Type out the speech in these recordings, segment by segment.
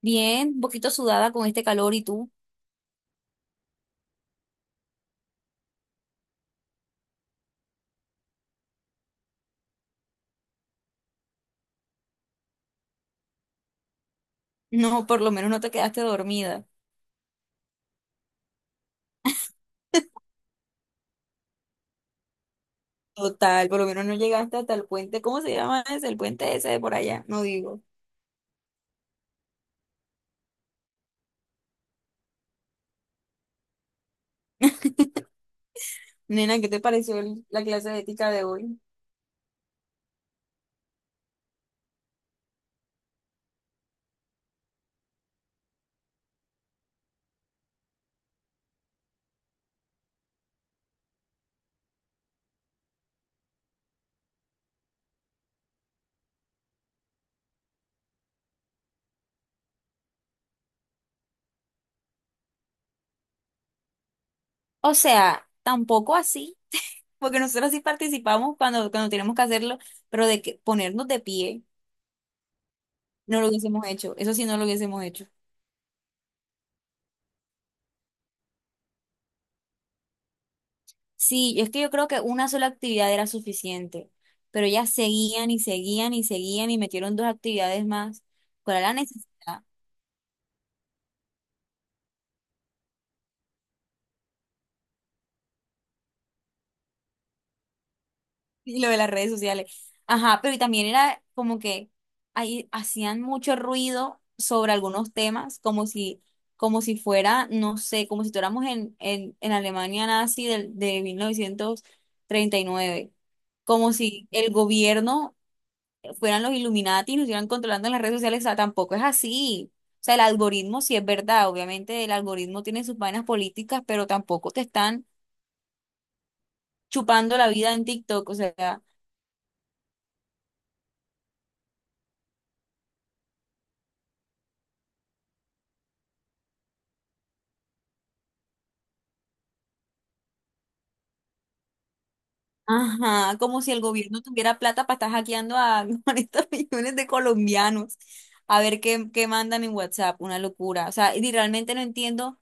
Bien, un poquito sudada con este calor y tú. No, por lo menos no te quedaste dormida. Total, por lo menos no llegaste hasta el puente. ¿Cómo se llama ese? El puente ese de por allá. No digo. Nena, ¿qué te pareció la clase de ética de hoy? O sea, tampoco así, porque nosotros sí participamos cuando tenemos que hacerlo, pero de que ponernos de pie, no lo hubiésemos hecho. Eso sí, no lo hubiésemos hecho. Sí, es que yo creo que una sola actividad era suficiente, pero ellas seguían y seguían y seguían y metieron dos actividades más. ¿Cuál era la necesidad? Y lo de las redes sociales. Ajá, pero y también era como que ahí hacían mucho ruido sobre algunos temas, como si fuera, no sé, como si estuviéramos en Alemania nazi de 1939. Como si el gobierno fueran los Illuminati y nos estuvieran controlando en las redes sociales. O sea, tampoco es así. O sea, el algoritmo sí es verdad. Obviamente el algoritmo tiene sus vainas políticas, pero tampoco te están chupando la vida en TikTok. O sea. Ajá, como si el gobierno tuviera plata para estar hackeando a 40 millones de colombianos a ver qué mandan en WhatsApp, una locura. O sea, y realmente no entiendo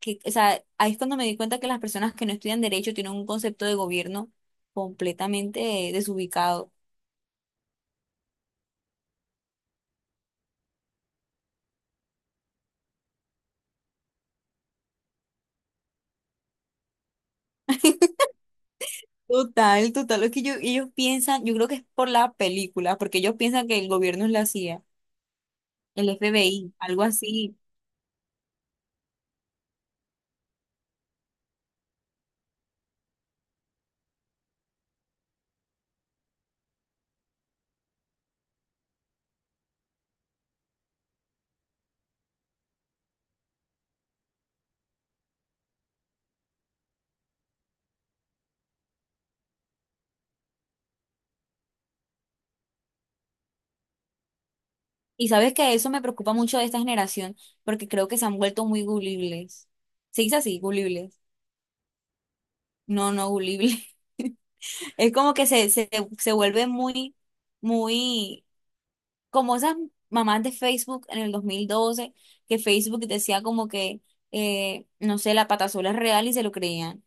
que, o sea, ahí es cuando me di cuenta que las personas que no estudian derecho tienen un concepto de gobierno completamente desubicado. Total, total, es que ellos piensan, yo creo que es por la película, porque ellos piensan que el gobierno es la CIA, el FBI, algo así. Y sabes que eso me preocupa mucho de esta generación, porque creo que se han vuelto muy gulibles. ¿Se dice así? Gulibles. No, no, gulible. Es como que se vuelve muy, como esas mamás de Facebook en el 2012, que Facebook decía como que, no sé, la patasola es real y se lo creían.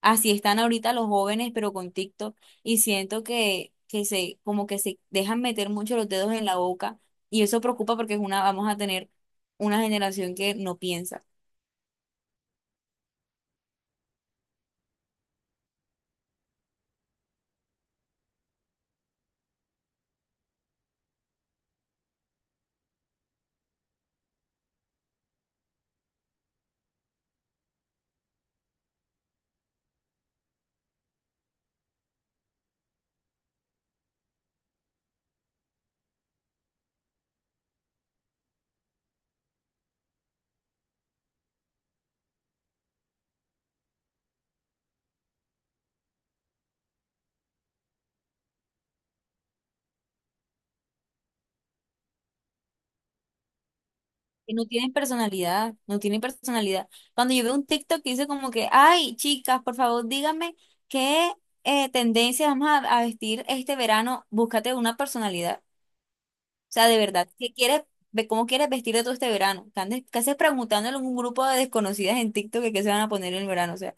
Así están ahorita los jóvenes, pero con TikTok, y siento que, como que se dejan meter mucho los dedos en la boca, y eso preocupa porque es una, vamos a tener una generación que no piensa, que no tienen personalidad, no tienen personalidad. Cuando yo veo un TikTok que dice como que, ay, chicas, por favor, díganme qué tendencia a vestir este verano, búscate una personalidad. Sea, de verdad, ¿qué quieres, cómo quieres vestirte todo este verano? ¿ Qué haces preguntándole a un grupo de desconocidas en TikTok que qué se van a poner en el verano? O sea,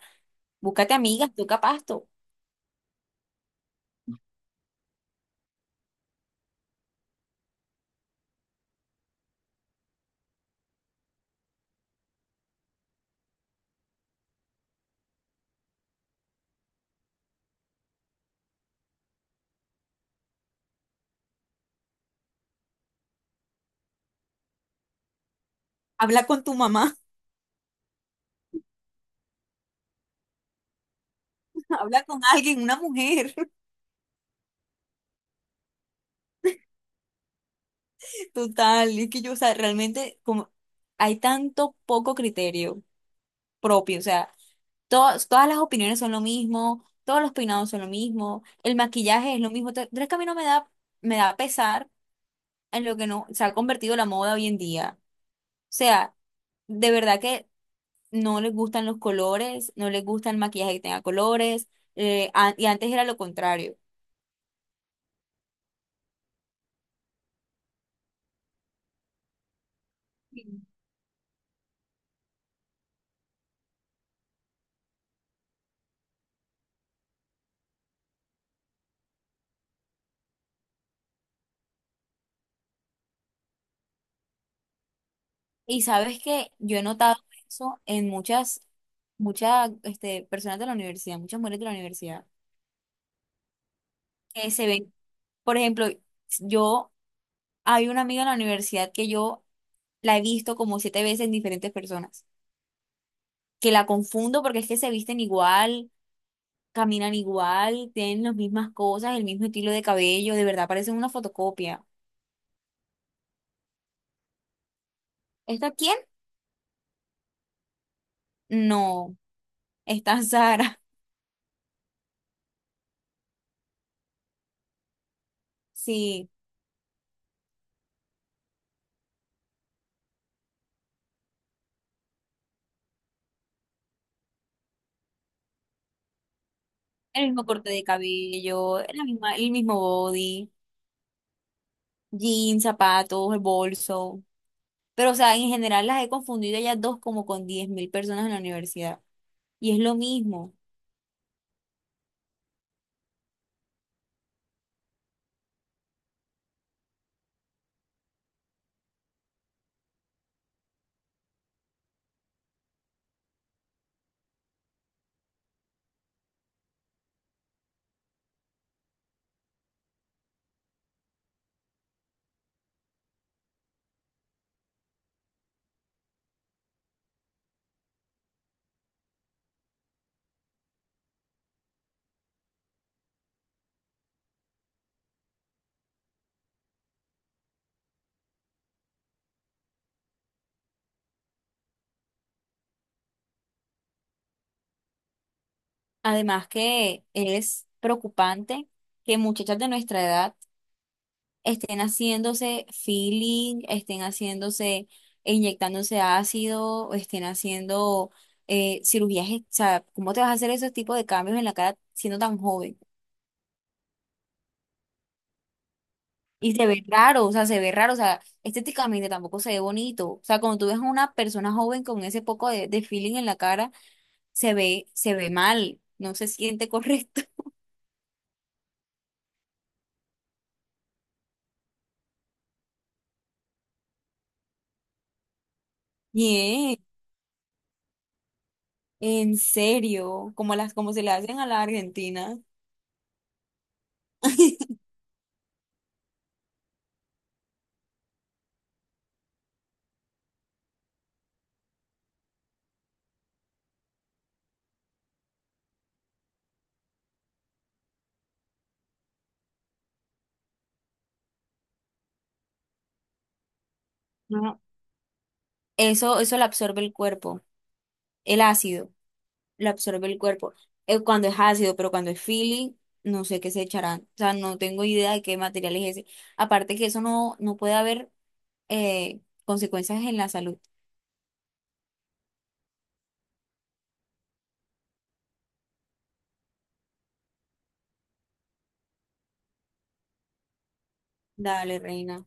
búscate amigas, toca pasto. Habla con tu mamá, habla con alguien, una mujer. Total, es que yo, o sea, realmente como hay tanto poco criterio propio, o sea, todas las opiniones son lo mismo, todos los peinados son lo mismo, el maquillaje es lo mismo. Entonces, es que a mí no me da, me da pesar en lo que no se ha convertido la moda hoy en día. O sea, de verdad que no les gustan los colores, no les gusta el maquillaje que tenga colores, y antes era lo contrario. Y sabes que yo he notado eso en muchas, muchas, este, personas de la universidad, muchas mujeres de la universidad, que se ven, por ejemplo, yo, hay una amiga en la universidad que yo la he visto como siete veces en diferentes personas, que la confundo porque es que se visten igual. Caminan igual, tienen las mismas cosas, el mismo estilo de cabello, de verdad parecen una fotocopia. ¿Esta quién? No, está Sara, sí, el mismo corte de cabello, la misma, el mismo body, jeans, zapatos, el bolso. Pero, o sea, en general las he confundido a ellas dos como con 10.000 personas en la universidad. Y es lo mismo. Además que es preocupante que muchachas de nuestra edad estén haciéndose feeling, estén haciéndose, e inyectándose ácido, o estén haciendo cirugías. O sea, ¿cómo te vas a hacer esos tipos de cambios en la cara siendo tan joven? Y se ve raro, o sea, se ve raro, o sea, estéticamente tampoco se ve bonito. O sea, cuando tú ves a una persona joven con ese poco de feeling en la cara, se ve mal, no se siente correcto. Bien, en serio, como las, como se le hacen a la Argentina. No, eso lo absorbe el cuerpo, el ácido, lo absorbe el cuerpo. Cuando es ácido, pero cuando es feeling, no sé qué se echarán. O sea, no tengo idea de qué material es ese. Aparte que eso no puede haber consecuencias en la salud. Dale, reina.